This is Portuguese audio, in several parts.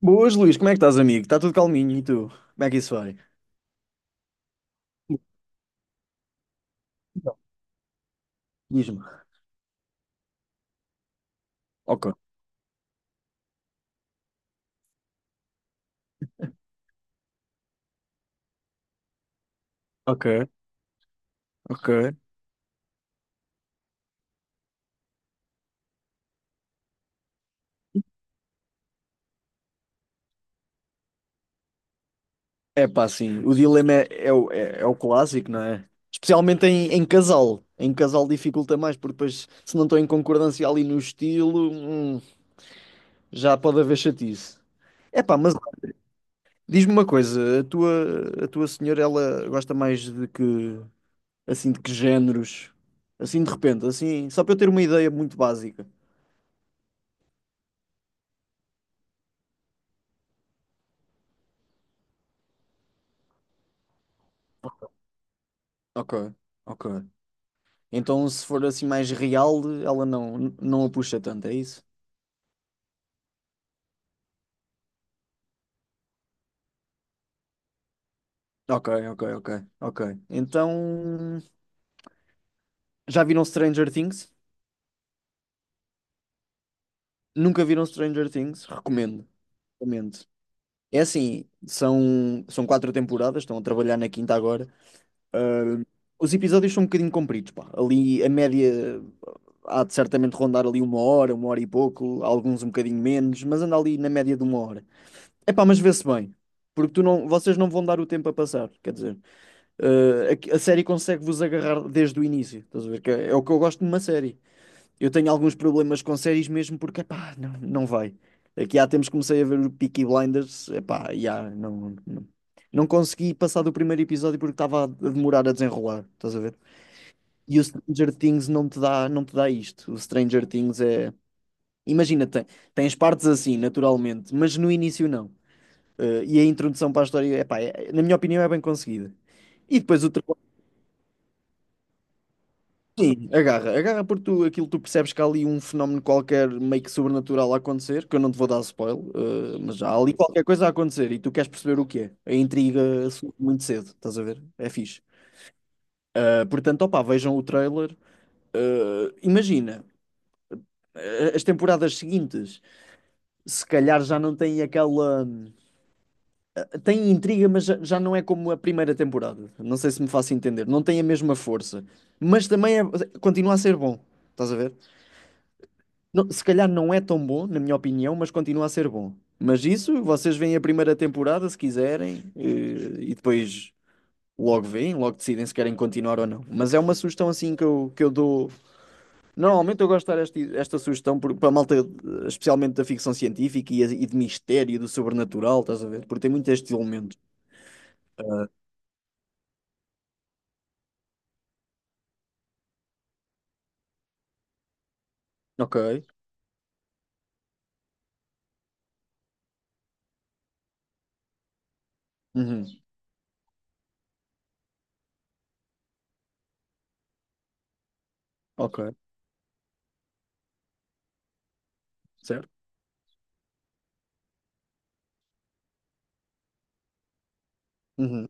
Boas, Luís, como é que estás, amigo? Está tudo calminho e tu? Como é que isso vai? Então, diz-me. Ok, ok, ok. É pá, sim, o dilema é o clássico, não é? Especialmente em casal. Em casal dificulta mais, porque depois, se não estão em concordância ali no estilo, já pode haver chatice. É pá, mas diz-me uma coisa, a tua senhora, ela gosta mais de que, assim, de que géneros? Assim, de repente, assim, só para eu ter uma ideia muito básica. Ok, ok. Então, se for assim mais real, ela não a puxa tanto, é isso? Ok, ok, ok, ok. Então, já viram Stranger Things? Nunca viram Stranger Things? Recomendo, recomendo. É assim, são quatro temporadas, estão a trabalhar na quinta agora. Ah, os episódios são um bocadinho compridos, pá. Ali a média há de certamente rondar ali uma hora e pouco, alguns um bocadinho menos, mas anda ali na média de uma hora. Epá, mas vê-se bem, porque tu não, vocês não vão dar o tempo a passar, quer dizer. A série consegue-vos agarrar desde o início. Estás a ver? Que é o que eu gosto de uma série. Eu tenho alguns problemas com séries mesmo porque, pá, não vai. Aqui há tempos comecei a ver o Peaky Blinders, epá, já, não consegui passar do primeiro episódio porque estava a demorar a desenrolar, estás a ver? E o Stranger Things não te dá, não te dá isto. O Stranger Things é. Imagina, tem, tens partes assim, naturalmente, mas no início não. E a introdução para a história, epá, é, na minha opinião, é bem conseguida. E depois o, Sim, agarra, agarra porque tu, aquilo tu percebes que há ali um fenómeno qualquer meio que sobrenatural a acontecer, que eu não te vou dar spoiler, mas já há ali qualquer coisa a acontecer e tu queres perceber o que é. A intriga surge muito cedo, estás a ver? É fixe. Portanto, opá, vejam o trailer. Imagina, as temporadas seguintes, se calhar já não têm aquela. Têm intriga, mas já não é como a primeira temporada. Não sei se me faço entender. Não tem a mesma força, mas continua a ser bom, estás a ver? Se calhar não é tão bom, na minha opinião, mas continua a ser bom. Mas isso, vocês veem a primeira temporada se quiserem, e depois logo veem, logo decidem se querem continuar ou não. Mas é uma sugestão assim que eu dou. Normalmente eu gosto de dar esta sugestão para a malta, especialmente da ficção científica e de mistério, do sobrenatural, estás a ver? Porque tem muito este elemento. Ok. Uhum. Ok. Certo? Uhum.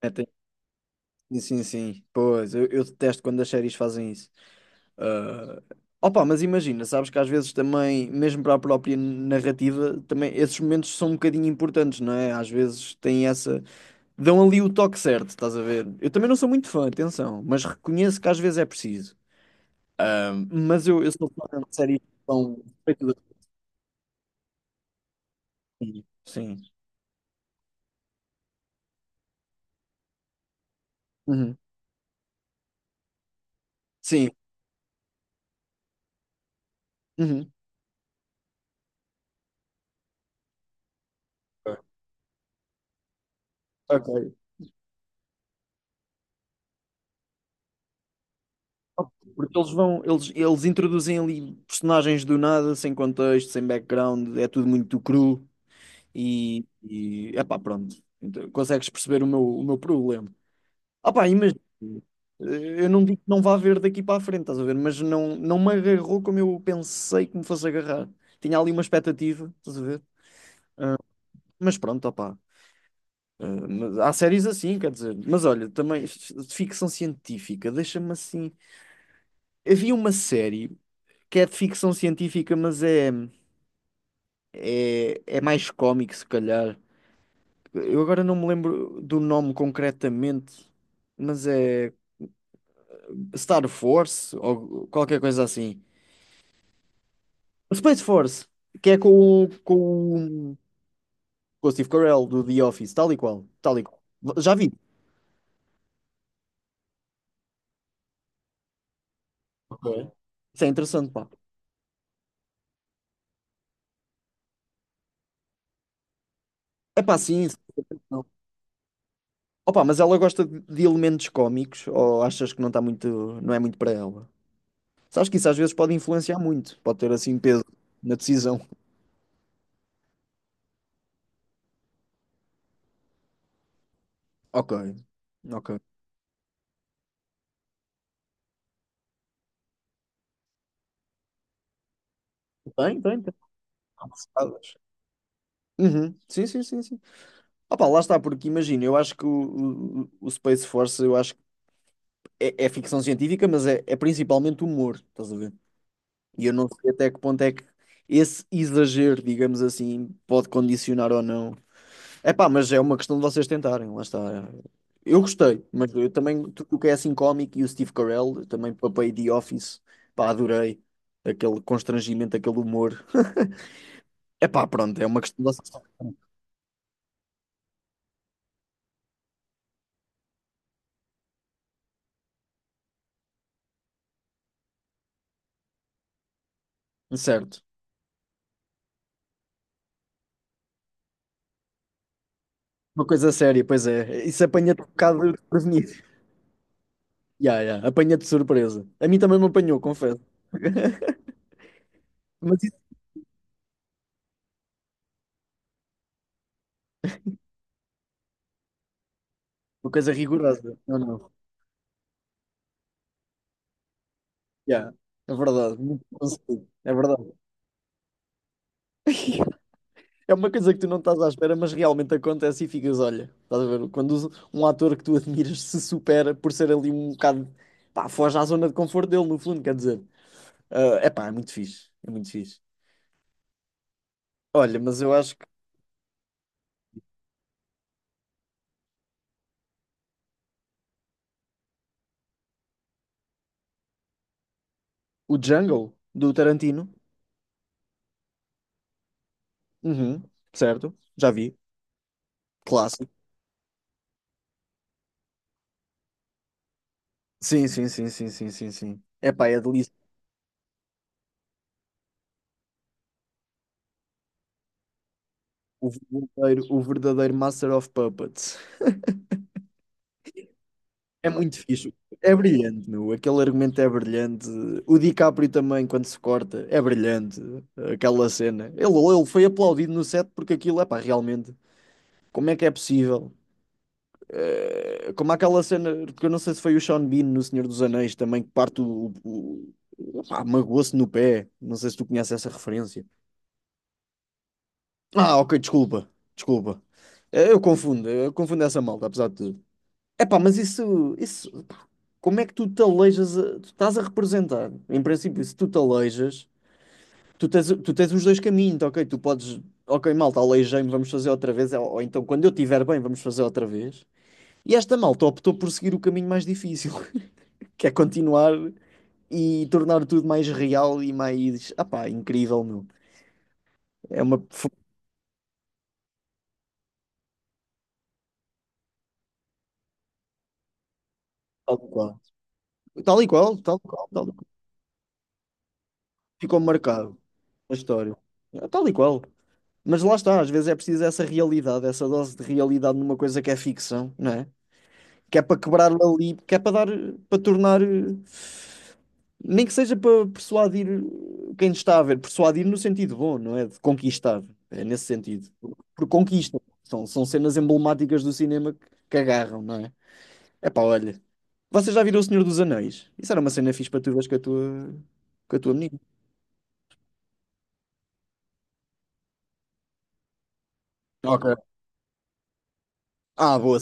É, tem- Sim, sim, sim. Pois, eu detesto quando as séries fazem isso. Ah, opa, mas imagina, sabes que às vezes também, mesmo para a própria narrativa, também esses momentos são um bocadinho importantes, não é? Às vezes têm essa. Dão ali o toque certo, estás a ver? Eu também não sou muito fã, atenção, mas reconheço que às vezes é preciso. Ah, mas eu sou fã de séries que são feitas assim. Sim. Uhum. Sim. Uhum. Ok. Ok. Porque eles vão, eles introduzem ali personagens do nada, sem contexto, sem background, é tudo muito cru. E epá, pronto, então, consegues perceber o meu problema. Ah pá, imagina, eu não digo que não vá haver daqui para a frente, estás a ver, mas não me agarrou como eu pensei que me fosse agarrar. Tinha ali uma expectativa, estás a ver? Mas pronto, opá. Mas há séries assim, quer dizer, mas olha, também de ficção científica, deixa-me assim. Havia uma série que é de ficção científica, mas é mais cómico, se calhar. Eu agora não me lembro do nome concretamente, mas é Star Force ou qualquer coisa assim. Space Force, que é com o Steve Carell do The Office, tal e qual, tal e qual. Já vi. Ok. Isso é interessante, pá. É pá, sim. Não. Opa, mas ela gosta de elementos cómicos ou achas que não está muito, não é muito para ela? Sabes que isso às vezes pode influenciar muito, pode ter assim peso na decisão. Ok, ok. Tem, tem, tem. Uhum. Sim, sim, sim, sim. Opa, lá está, porque imagina, eu acho que o Space Force, eu acho que é ficção científica, mas é principalmente humor, estás a ver? E eu não sei até que ponto é que esse exagero, digamos assim, pode condicionar ou não. É pá, mas é uma questão de vocês tentarem, lá está. Eu gostei, mas eu também, tudo o que é assim cómico e o Steve Carell, também papei The Office, pá, adorei. Aquele constrangimento, aquele humor. É pá, pronto, é uma questão de vocês tentarem. Certo. Uma coisa séria, pois é. Isso apanha-te um bocado desprevenido. Ya, ya, apanha-te de surpresa. A mim também me apanhou, confesso. Mas isso é uma coisa rigorosa. Não, não. Ya, é verdade. Muito conseguido. É verdade. É uma coisa que tu não estás à espera, mas realmente acontece e ficas, olha, estás a ver? Quando um ator que tu admiras se supera por ser ali um bocado, pá, foge à zona de conforto dele, no fundo, quer dizer. É pá, é muito fixe. É muito fixe. Olha, mas eu acho que o Jungle do Tarantino, uhum, certo? Já vi. Clássico. Sim, sim, sim, sim, sim, sim, sim. É pá, é delícia. O verdadeiro Master of Puppets. É muito fixe. É brilhante, meu. Aquele argumento é brilhante. O DiCaprio também, quando se corta, é brilhante. Aquela cena. Ele foi aplaudido no set porque aquilo, é pá, realmente. Como é que é possível? Como aquela cena, porque eu não sei se foi o Sean Bean no Senhor dos Anéis também, que parte pá, magoou-se no pé. Não sei se tu conheces essa referência. Ah, ok, desculpa. Desculpa. Eu confundo essa malta, apesar de tudo. Epá, mas isso, pá, como é que tu te aleijas? Tu estás a representar. Em princípio, se tu te aleijas, tu tens os dois caminhos, tá ok? Tu podes, ok, malta, aleijei-me, vamos fazer outra vez, ou então quando eu estiver bem, vamos fazer outra vez. E esta malta optou por seguir o caminho mais difícil, que é continuar e tornar tudo mais real e mais, ah pá, incrível, meu. É uma. Tal e qual, tal e qual, tal e qual. Tal e qual. Ficou marcado a história. É tal e qual. Mas lá está, às vezes é preciso essa realidade, essa dose de realidade numa coisa que é ficção, não é? Que é para quebrar ali, que é para dar, para tornar, nem que seja para persuadir quem está a ver, persuadir no sentido bom, não é? De conquistar, é nesse sentido. Por conquista. São cenas emblemáticas do cinema que agarram, não é? É pá, olha. Vocês já viram O Senhor dos Anéis? Isso era uma cena fixe para tu veres com a tua menina. Ok. Ah, boa.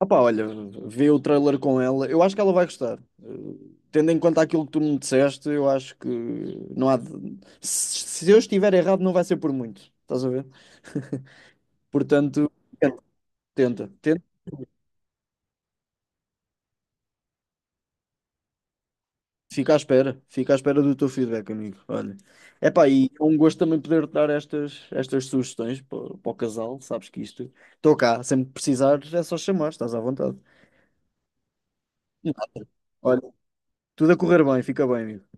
Opá, olha, vê o trailer com ela. Eu acho que ela vai gostar. Tendo em conta aquilo que tu me disseste, eu acho que não há de... Se eu estiver errado, não vai ser por muito. Estás a ver? Portanto, tenta, tenta, tenta. Fica à espera. Fica à espera do teu feedback, amigo. Olha. Epá, e é um gosto também poder dar estas sugestões para, para o casal. Sabes que isto... Estou cá. Sempre que precisares, é só chamar. Estás à vontade. Nada. Olha, tudo a correr bem. Fica bem, amigo.